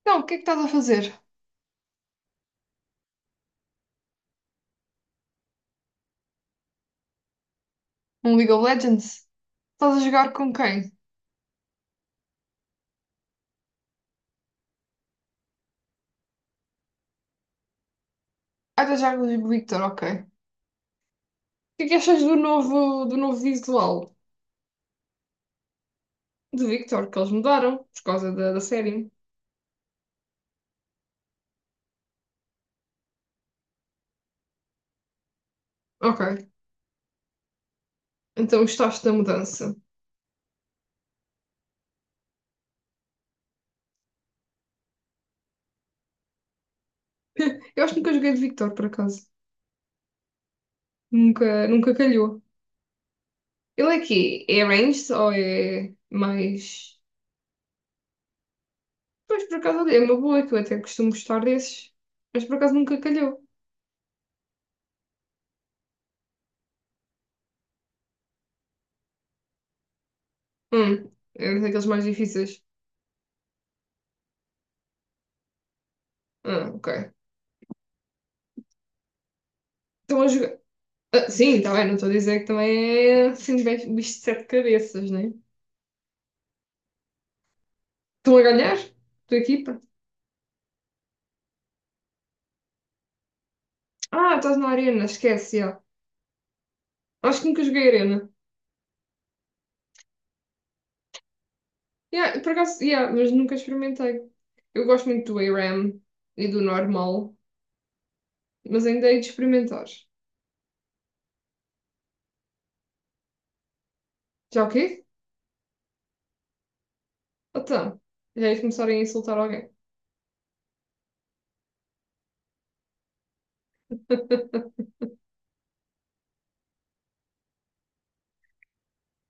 Então, o que é que estás a fazer? Um League of Legends? Estás a jogar com quem? Ah, estás a jogar com o Victor, ok. O que é que achas do novo visual de Victor que eles mudaram por causa da série? Ok, então gostaste da mudança. Eu acho que nunca joguei de Victor, por acaso. Nunca calhou. Ele é quê? É ranged ou é mais... Pois, por acaso, é uma boa, que eu até costumo gostar desses. Mas por acaso nunca calhou. É daqueles mais difíceis. Ah, ok. Estão a jogar. Ah, sim, está bem, não estou a dizer que também é assim bem bicho de sete cabeças, né? Estão a ganhar? Tua equipa? Ah, estás na arena, esquece, já. Acho que nunca joguei arena. Yeah, por acaso, yeah, mas nunca experimentei. Eu gosto muito do ARAM e do normal, mas ainda hei de experimentar. Já o quê? Então, já hei de começar a insultar alguém.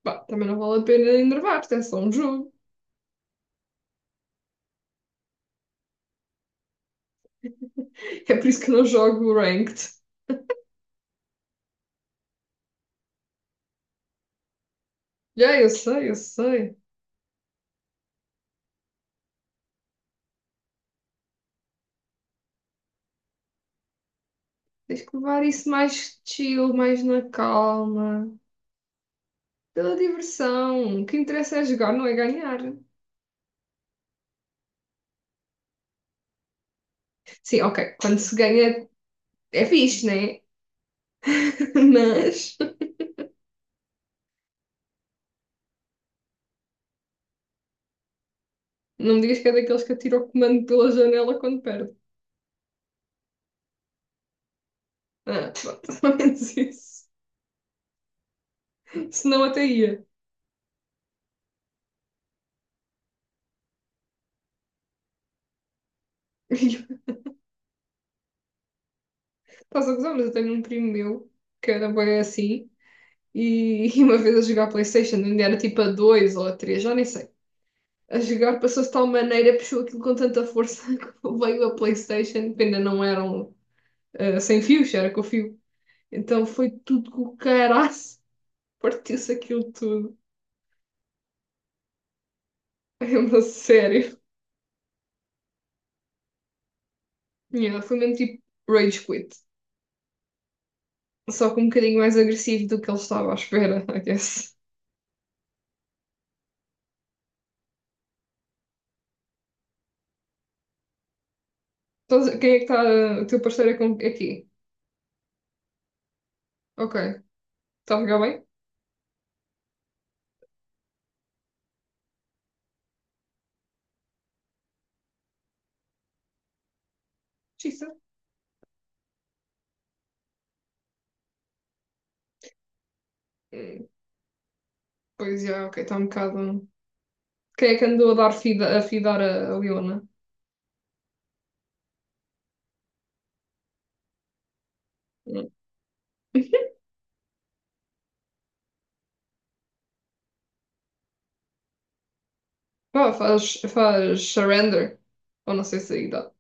Pá, também não vale a pena enervar-te, é só um jogo. É por isso que eu não jogo o ranked. Já, eu sei, eu sei. Tens que levar isso mais chill, mais na calma. Pela diversão. O que interessa é jogar, não é ganhar. Sim, ok. Quando se ganha é fixe, né? Mas não me digas que é daqueles que atira o comando pela janela quando perde. Ah, pronto, pelo menos isso. Senão até ia. Estás a gozar, mas eu tenho um primo meu que era bem assim. E uma vez a jogar PlayStation, ainda era tipo a 2 ou a 3, já nem sei. A jogar passou-se de tal maneira, puxou aquilo com tanta força que veio a PlayStation, que ainda não eram ah, sem fios, era com fio. Então foi tudo com o caraço. Partiu-se aquilo tudo. É uma sério. Yeah, foi mesmo tipo rage quit. Só que um bocadinho mais agressivo do que ele estava à espera, I guess. Então, quem é que está. O teu parceiro é com- é aqui? Ok. Está a ficar bem? Xista. Hum, pois já, yeah, ok, está um bocado. Quem é que andou a dar fida, a fidar a Leona? Hum. Pá, faz surrender. Ou não sei se aí dá.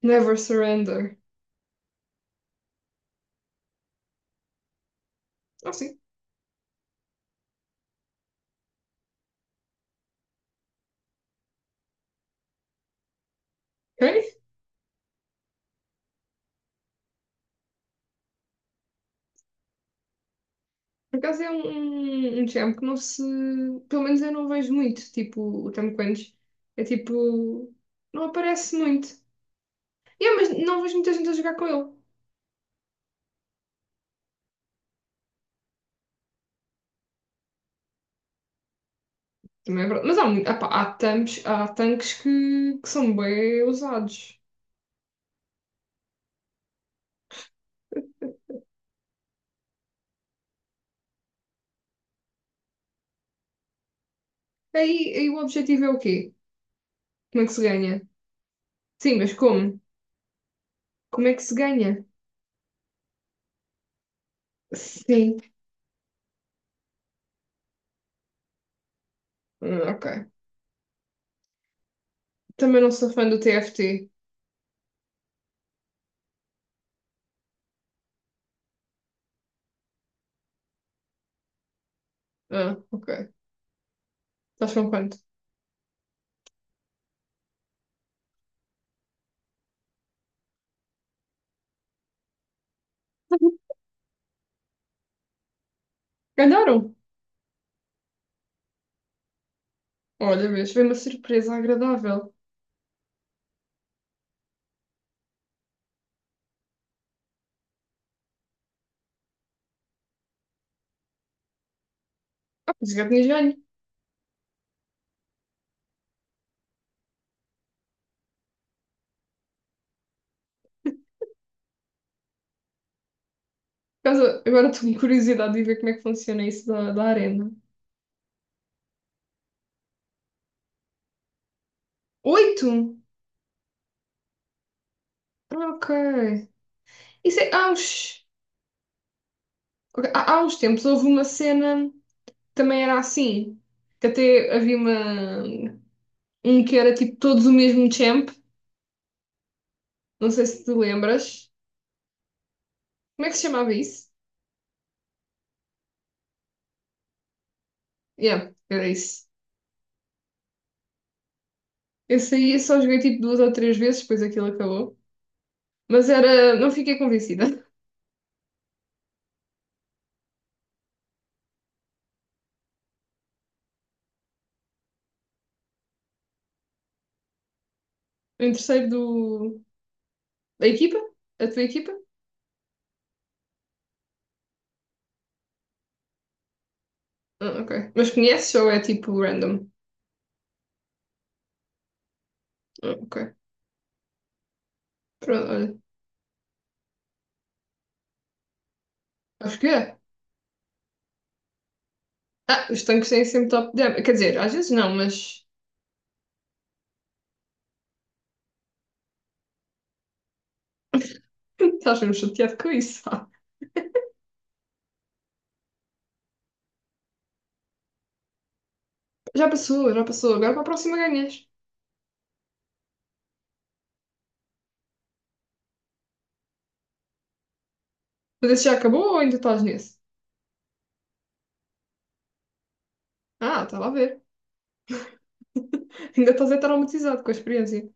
Never surrender. Ah, sim. Ok. Por acaso é um, um, um género que não se. Pelo menos eu não vejo muito. Tipo, o Tom Clancy é tipo. Não aparece muito. E é, mas não vejo muita gente a jogar com ele. Também é verdade. Mas há, muito, ah pá, há tanques que são bem usados. Aí, aí o objetivo é o quê? Como é que se ganha? Sim, mas como? Como é que se ganha? Sim. Ah, ok. Também não sou fã do TFT. Ah, ok. Estás com quanto? Ganharam! Olha, vês, foi uma surpresa agradável. Ah, por isso que eu tinha joelho. Por causa- Agora estou com curiosidade de ver como é que funciona isso da arena. Oito? Ah, ok. Isso é, há uns, ok, há, há uns tempos houve uma cena que também era assim, que até havia uma, um que era tipo todos o mesmo champ, não sei se te lembras. Como é que se chamava isso? Yeah, era isso. Esse aí eu só joguei tipo duas ou três vezes, depois aquilo acabou. Mas era, não fiquei convencida. Em terceiro do, da equipa, a tua equipa? Ah, ok. Mas conheces ou é tipo random? Ah, ok. Pronto, olha. Acho que é. Ah, os tanques têm sempre top down. Quer dizer, às vezes não, mas estás mesmo chateado com isso. Ah, já passou. Agora para a próxima ganhas. Mas esse já acabou ou ainda estás nesse? Ah, estava a ver. Ainda estás a traumatizado com a experiência.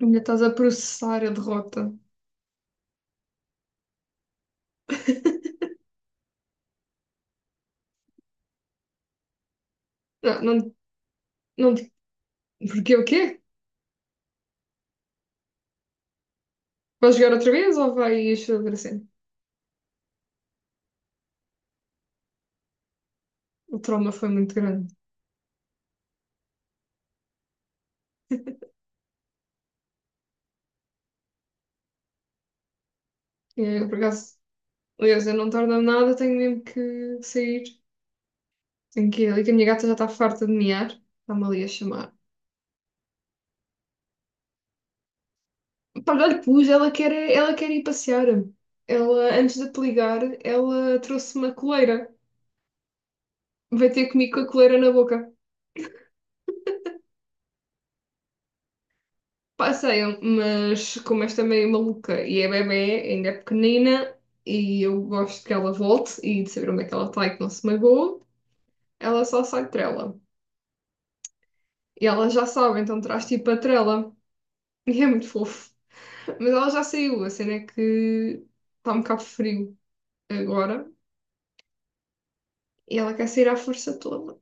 Ainda estás a processar a derrota. Não, não, não. Porque o quê? Vais jogar outra vez ou vais fazer assim? O trauma foi muito grande. E eu, por acaso, aliás, eu não tardo nada, tenho mesmo que sair. Tenho que ali, que a minha gata já está farta de miar. Está-me ali a chamar. Pá, já lhe pus, ela quer, é- ela quer ir passear. Ela, antes de te ligar, ela trouxe uma coleira. Vai ter comigo com a coleira na boca. Passeiam, mas como esta é meio maluca e é bebé, ainda é pequenina, e eu gosto que ela volte e de saber onde é que ela está e que não se magoou, ela só sai de trela. E ela já sabe, então traz tipo a trela. E é muito fofo. Mas ela já saiu, a cena é que está um bocado frio agora. E ela quer sair à força toda.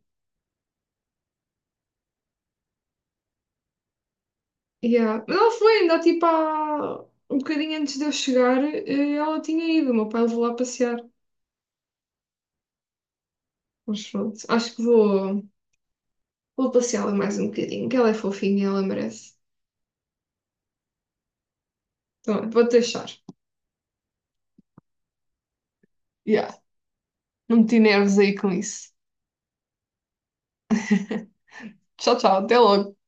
Yeah. Mas ela foi, ainda tipo há um bocadinho antes de eu chegar, ela tinha ido. O meu pai levou lá passear. Mas pronto, acho que vou, vou passeá-la mais um bocadinho, que ela é fofinha e ela merece. Então, olha, vou deixar. Yeah. Não meti nervos aí com isso. Tchau, tchau, até logo.